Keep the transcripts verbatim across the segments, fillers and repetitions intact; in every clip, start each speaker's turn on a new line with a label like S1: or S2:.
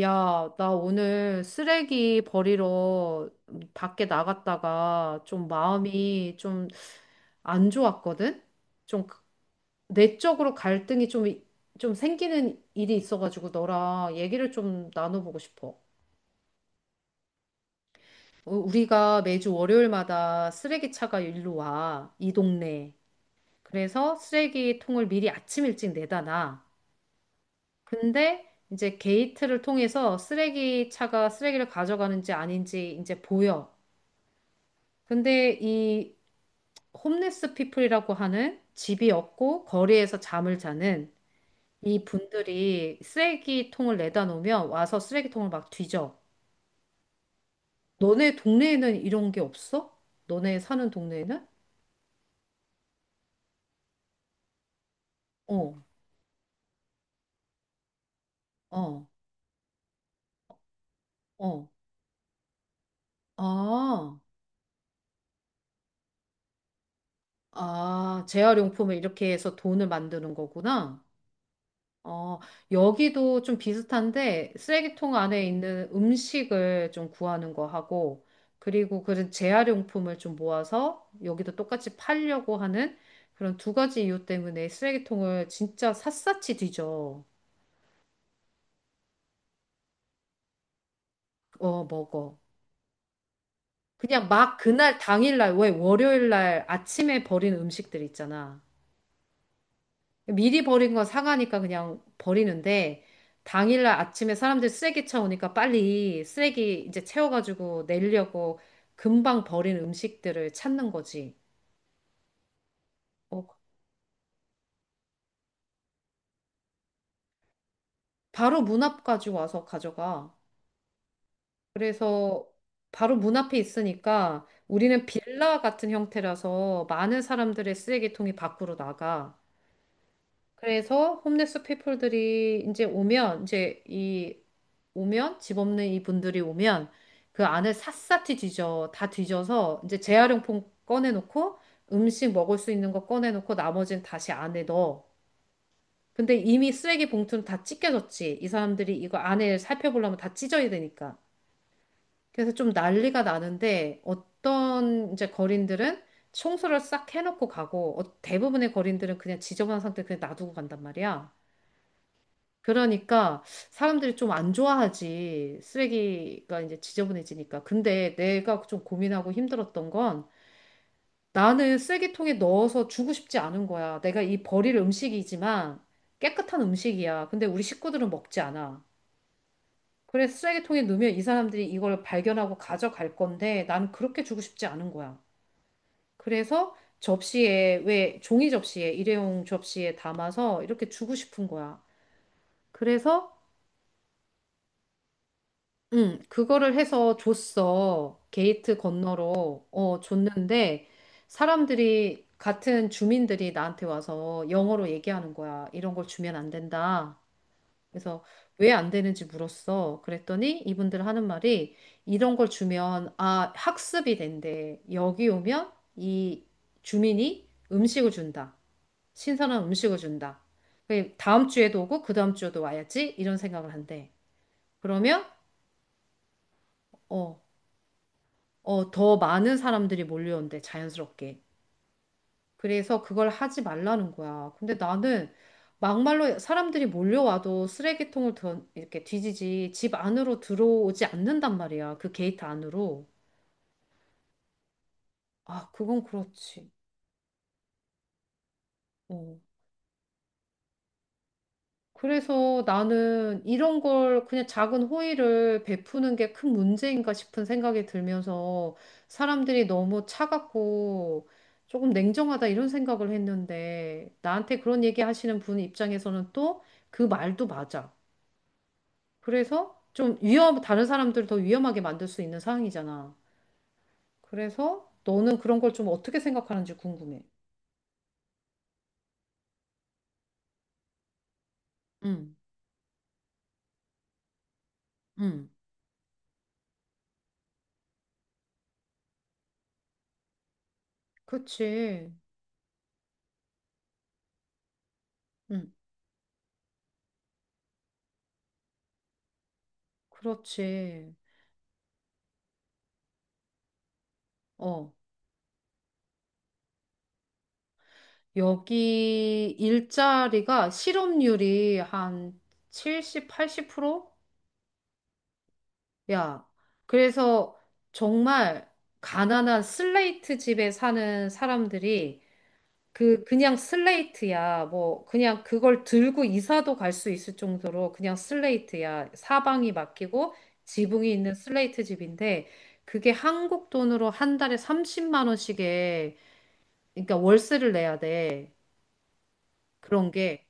S1: 야, 나 오늘 쓰레기 버리러 밖에 나갔다가 좀 마음이 좀 안 좋았거든? 좀 그- 내적으로 갈등이 좀, 이- 좀 생기는 일이 있어가지고 너랑 얘기를 좀 나눠보고 싶어. 우- 우리가 매주 월요일마다 쓰레기차가 일로 와, 이 동네. 그래서 쓰레기통을 미리 아침 일찍 내다 놔. 근데 이제 게이트를 통해서 쓰레기차가 쓰레기를 가져가는지 아닌지 이제 보여. 근데 이 홈리스 피플이라고 하는 집이 없고 거리에서 잠을 자는 이 분들이 쓰레기통을 내다 놓으면 와서 쓰레기통을 막 뒤져. 너네 동네에는 이런 게 없어? 너네 사는 동네에는? 어, 어, 어. 아, 아, 재활용품을 이렇게 해서 돈을 만드는 거구나. 어, 여기도 좀 비슷한데 쓰레기통 안에 있는 음식을 좀 구하는 거 하고 그리고 그런 재활용품을 좀 모아서 여기도 똑같이 팔려고 하는 그런 두 가지 이유 때문에 쓰레기통을 진짜 샅샅이 뒤져. 어, 먹어. 그냥 막 그날 당일날 왜 월요일날 아침에 버린 음식들 있잖아. 미리 버린 건 사가니까 그냥 버리는데 당일날 아침에 사람들 쓰레기 차 오니까 빨리 쓰레기 이제 채워가지고 내려고 금방 버린 음식들을 찾는 거지. 어, 바로 문 앞 가지고 와서 가져가. 그래서 바로 문 앞에 있으니까 우리는 빌라 같은 형태라서 많은 사람들의 쓰레기통이 밖으로 나가. 그래서 홈리스 피플들이 이제 오면 이제 이 오면 집 없는 이분들이 오면 그 안을 샅샅이 뒤져 다 뒤져서 이제 재활용품 꺼내놓고 음식 먹을 수 있는 거 꺼내놓고 나머지는 다시 안에 넣어. 근데 이미 쓰레기 봉투는 다 찢겨졌지. 이 사람들이 이거 안에 살펴보려면 다 찢어야 되니까. 그래서 좀 난리가 나는데 어떤 이제 거린들은 청소를 싹 해놓고 가고 어- 대부분의 거린들은 그냥 지저분한 상태 그냥 놔두고 간단 말이야. 그러니까 사람들이 좀 안 좋아하지. 쓰레기가 이제 지저분해지니까. 근데 내가 좀 고민하고 힘들었던 건 나는 쓰레기통에 넣어서 주고 싶지 않은 거야. 내가 이 버릴 음식이지만 깨끗한 음식이야. 근데 우리 식구들은 먹지 않아. 그래서 쓰레기통에 넣으면 이 사람들이 이걸 발견하고 가져갈 건데 나는 그렇게 주고 싶지 않은 거야. 그래서 접시에, 왜 종이 접시에, 일회용 접시에 담아서 이렇게 주고 싶은 거야. 그래서 응, 그거를 해서 줬어. 게이트 건너로. 어, 줬는데, 사람들이, 같은 주민들이 나한테 와서 영어로 얘기하는 거야. 이런 걸 주면 안 된다. 그래서 왜 안 되는지 물었어. 그랬더니 이분들 하는 말이 이런 걸 주면, 아, 학습이 된대. 여기 오면 이 주민이 음식을 준다. 신선한 음식을 준다. 그 다음 주에도 오고, 그 다음 주에도 와야지. 이런 생각을 한대. 그러면, 어, 어, 더 많은 사람들이 몰려온대, 자연스럽게. 그래서 그걸 하지 말라는 거야. 근데 나는 막말로 사람들이 몰려와도 쓰레기통을 던, 이렇게 뒤지지 집 안으로 들어오지 않는단 말이야. 그 게이트 안으로. 아, 그건 그렇지. 어. 그래서 나는 이런 걸 그냥 작은 호의를 베푸는 게 큰 문제인가 싶은 생각이 들면서 사람들이 너무 차갑고 조금 냉정하다 이런 생각을 했는데 나한테 그런 얘기 하시는 분 입장에서는 또 그 말도 맞아. 그래서 좀 위험, 다른 사람들 더 위험하게 만들 수 있는 상황이잖아. 그래서 너는 그런 걸 좀 어떻게 생각하는지 궁금해. 응, 응. 그치. 응, 그렇지. 어. 여기 일자리가 실업률이 한 칠십, 팔십 퍼센트야. 그래서 정말 가난한 슬레이트 집에 사는 사람들이 그 그냥 슬레이트야. 뭐 그냥 그걸 들고 이사도 갈 수 있을 정도로 그냥 슬레이트야. 사방이 막히고 지붕이 있는 슬레이트 집인데 그게 한국 돈으로 한 달에 삼십만 원씩에 그러니까 월세를 내야 돼. 그런 게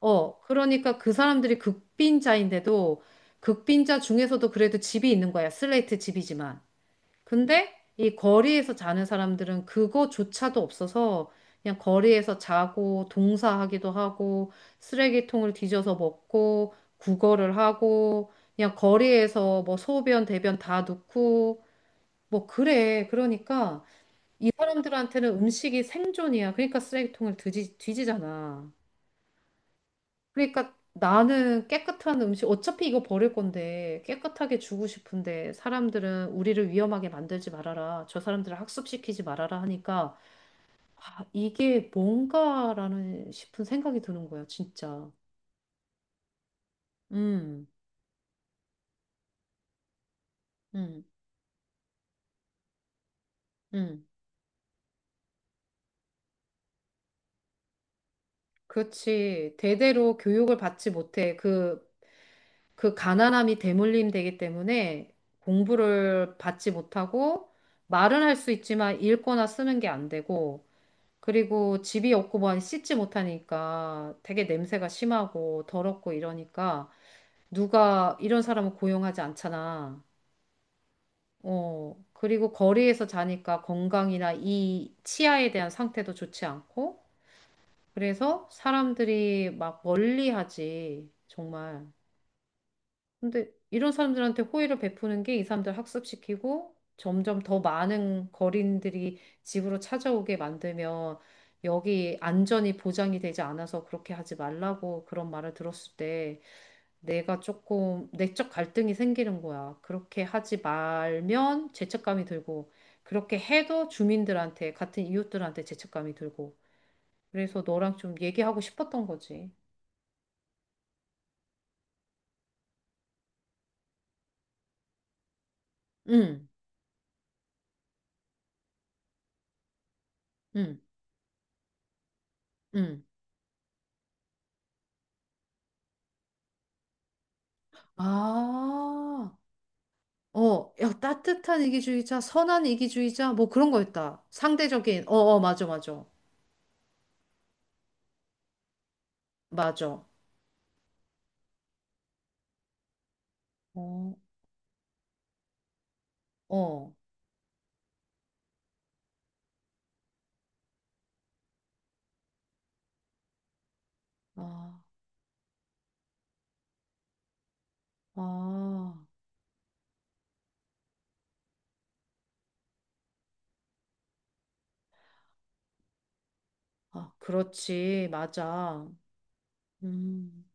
S1: 어, 그러니까 그 사람들이 극빈자인데도 극빈자 중에서도 그래도 집이 있는 거야. 슬레이트 집이지만. 근데 이 거리에서 자는 사람들은 그거조차도 없어서 그냥 거리에서 자고 동사하기도 하고 쓰레기통을 뒤져서 먹고 구걸을 하고 그냥 거리에서 뭐 소변, 대변 다 놓고 뭐 그래. 그러니까 이 사람들한테는 음식이 생존이야. 그러니까 쓰레기통을 뒤지, 뒤지잖아. 그러니까 나는 깨끗한 음식, 어차피 이거 버릴 건데 깨끗하게 주고 싶은데 사람들은 우리를 위험하게 만들지 말아라. 저 사람들을 학습시키지 말아라 하니까 아, 이게 뭔가라는 싶은 생각이 드는 거야, 진짜. 음, 음, 음. 그렇지. 대대로 교육을 받지 못해. 그, 그 가난함이 대물림 되기 때문에 공부를 받지 못하고 말은 할 수 있지만 읽거나 쓰는 게 안 되고 그리고 집이 없고 뭐 씻지 못하니까 되게 냄새가 심하고 더럽고 이러니까 누가 이런 사람을 고용하지 않잖아. 어, 그리고 거리에서 자니까 건강이나 이 치아에 대한 상태도 좋지 않고 그래서 사람들이 막 멀리 하지. 정말. 근데 이런 사람들한테 호의를 베푸는 게 이 사람들 학습시키고 점점 더 많은 거린들이 집으로 찾아오게 만들면 여기 안전이 보장이 되지 않아서 그렇게 하지 말라고 그런 말을 들었을 때 내가 조금 내적 갈등이 생기는 거야. 그렇게 하지 말면 죄책감이 들고 그렇게 해도 주민들한테 같은 이웃들한테 죄책감이 들고 그래서 너랑 좀 얘기하고 싶었던 거지. 응, 응, 응. 아. 어, 야, 따뜻한 이기주의자, 선한 이기주의자, 뭐 그런 거였다. 상대적인, 어, 어, 맞아, 맞아. 맞아. 어, 어. 아, 아, 아, 그렇지. 맞아. 음,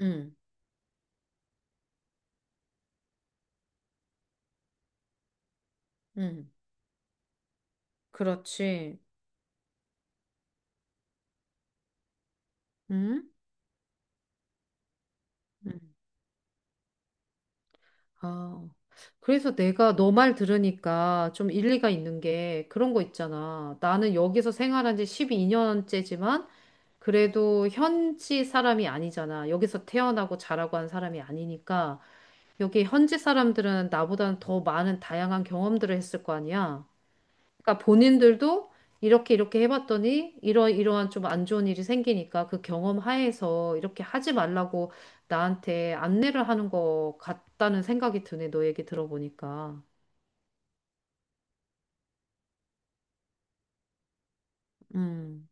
S1: 음, 음. 그렇지. 음, 음. 아. 그래서 내가 너 말 들으니까 좀 일리가 있는 게 그런 거 있잖아. 나는 여기서 생활한 지 십이 년째지만 그래도 현지 사람이 아니잖아. 여기서 태어나고 자라고 한 사람이 아니니까 여기 현지 사람들은 나보다는 더 많은 다양한 경험들을 했을 거 아니야. 그러니까 본인들도 이렇게 이렇게 해봤더니 이러 이러한 좀 안 좋은 일이 생기니까 그 경험 하에서 이렇게 하지 말라고 나한테 안내를 하는 것 같다는 생각이 드네. 너 얘기 들어보니까. 음.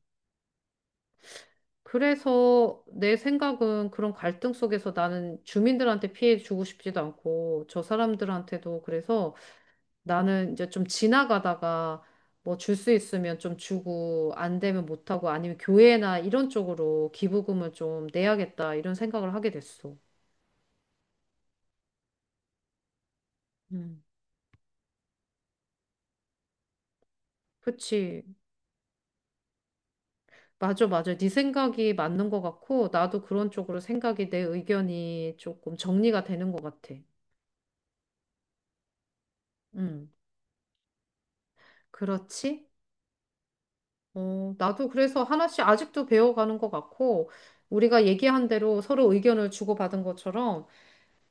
S1: 그래서 내 생각은 그런 갈등 속에서 나는 주민들한테 피해 주고 싶지도 않고 저 사람들한테도 그래서 나는 이제 좀 지나가다가 뭐 줄 수 있으면 좀 주고 안 되면 못 하고 아니면 교회나 이런 쪽으로 기부금을 좀 내야겠다 이런 생각을 하게 됐어. 음. 그치. 맞아, 맞아. 네 생각이 맞는 것 같고, 나도 그런 쪽으로 생각이 내 의견이 조금 정리가 되는 것 같아. 음, 그렇지? 어, 나도 그래서 하나씩 아직도 배워가는 것 같고, 우리가 얘기한 대로 서로 의견을 주고받은 것처럼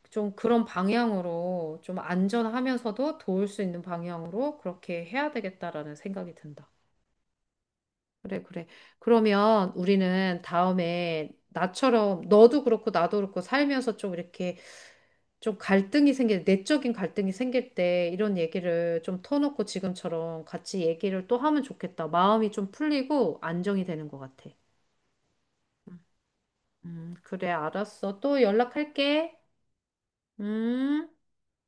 S1: 좀 그런 방향으로 좀 안전하면서도 도울 수 있는 방향으로 그렇게 해야 되겠다라는 생각이 든다. 그래, 그래. 그러면 우리는 다음에 나처럼 너도 그렇고 나도 그렇고 살면서 좀 이렇게 좀 갈등이 생길, 내적인 갈등이 생길 때 이런 얘기를 좀 터놓고 지금처럼 같이 얘기를 또 하면 좋겠다. 마음이 좀 풀리고 안정이 되는 것 같아. 음, 그래, 알았어. 또 연락할게. 음.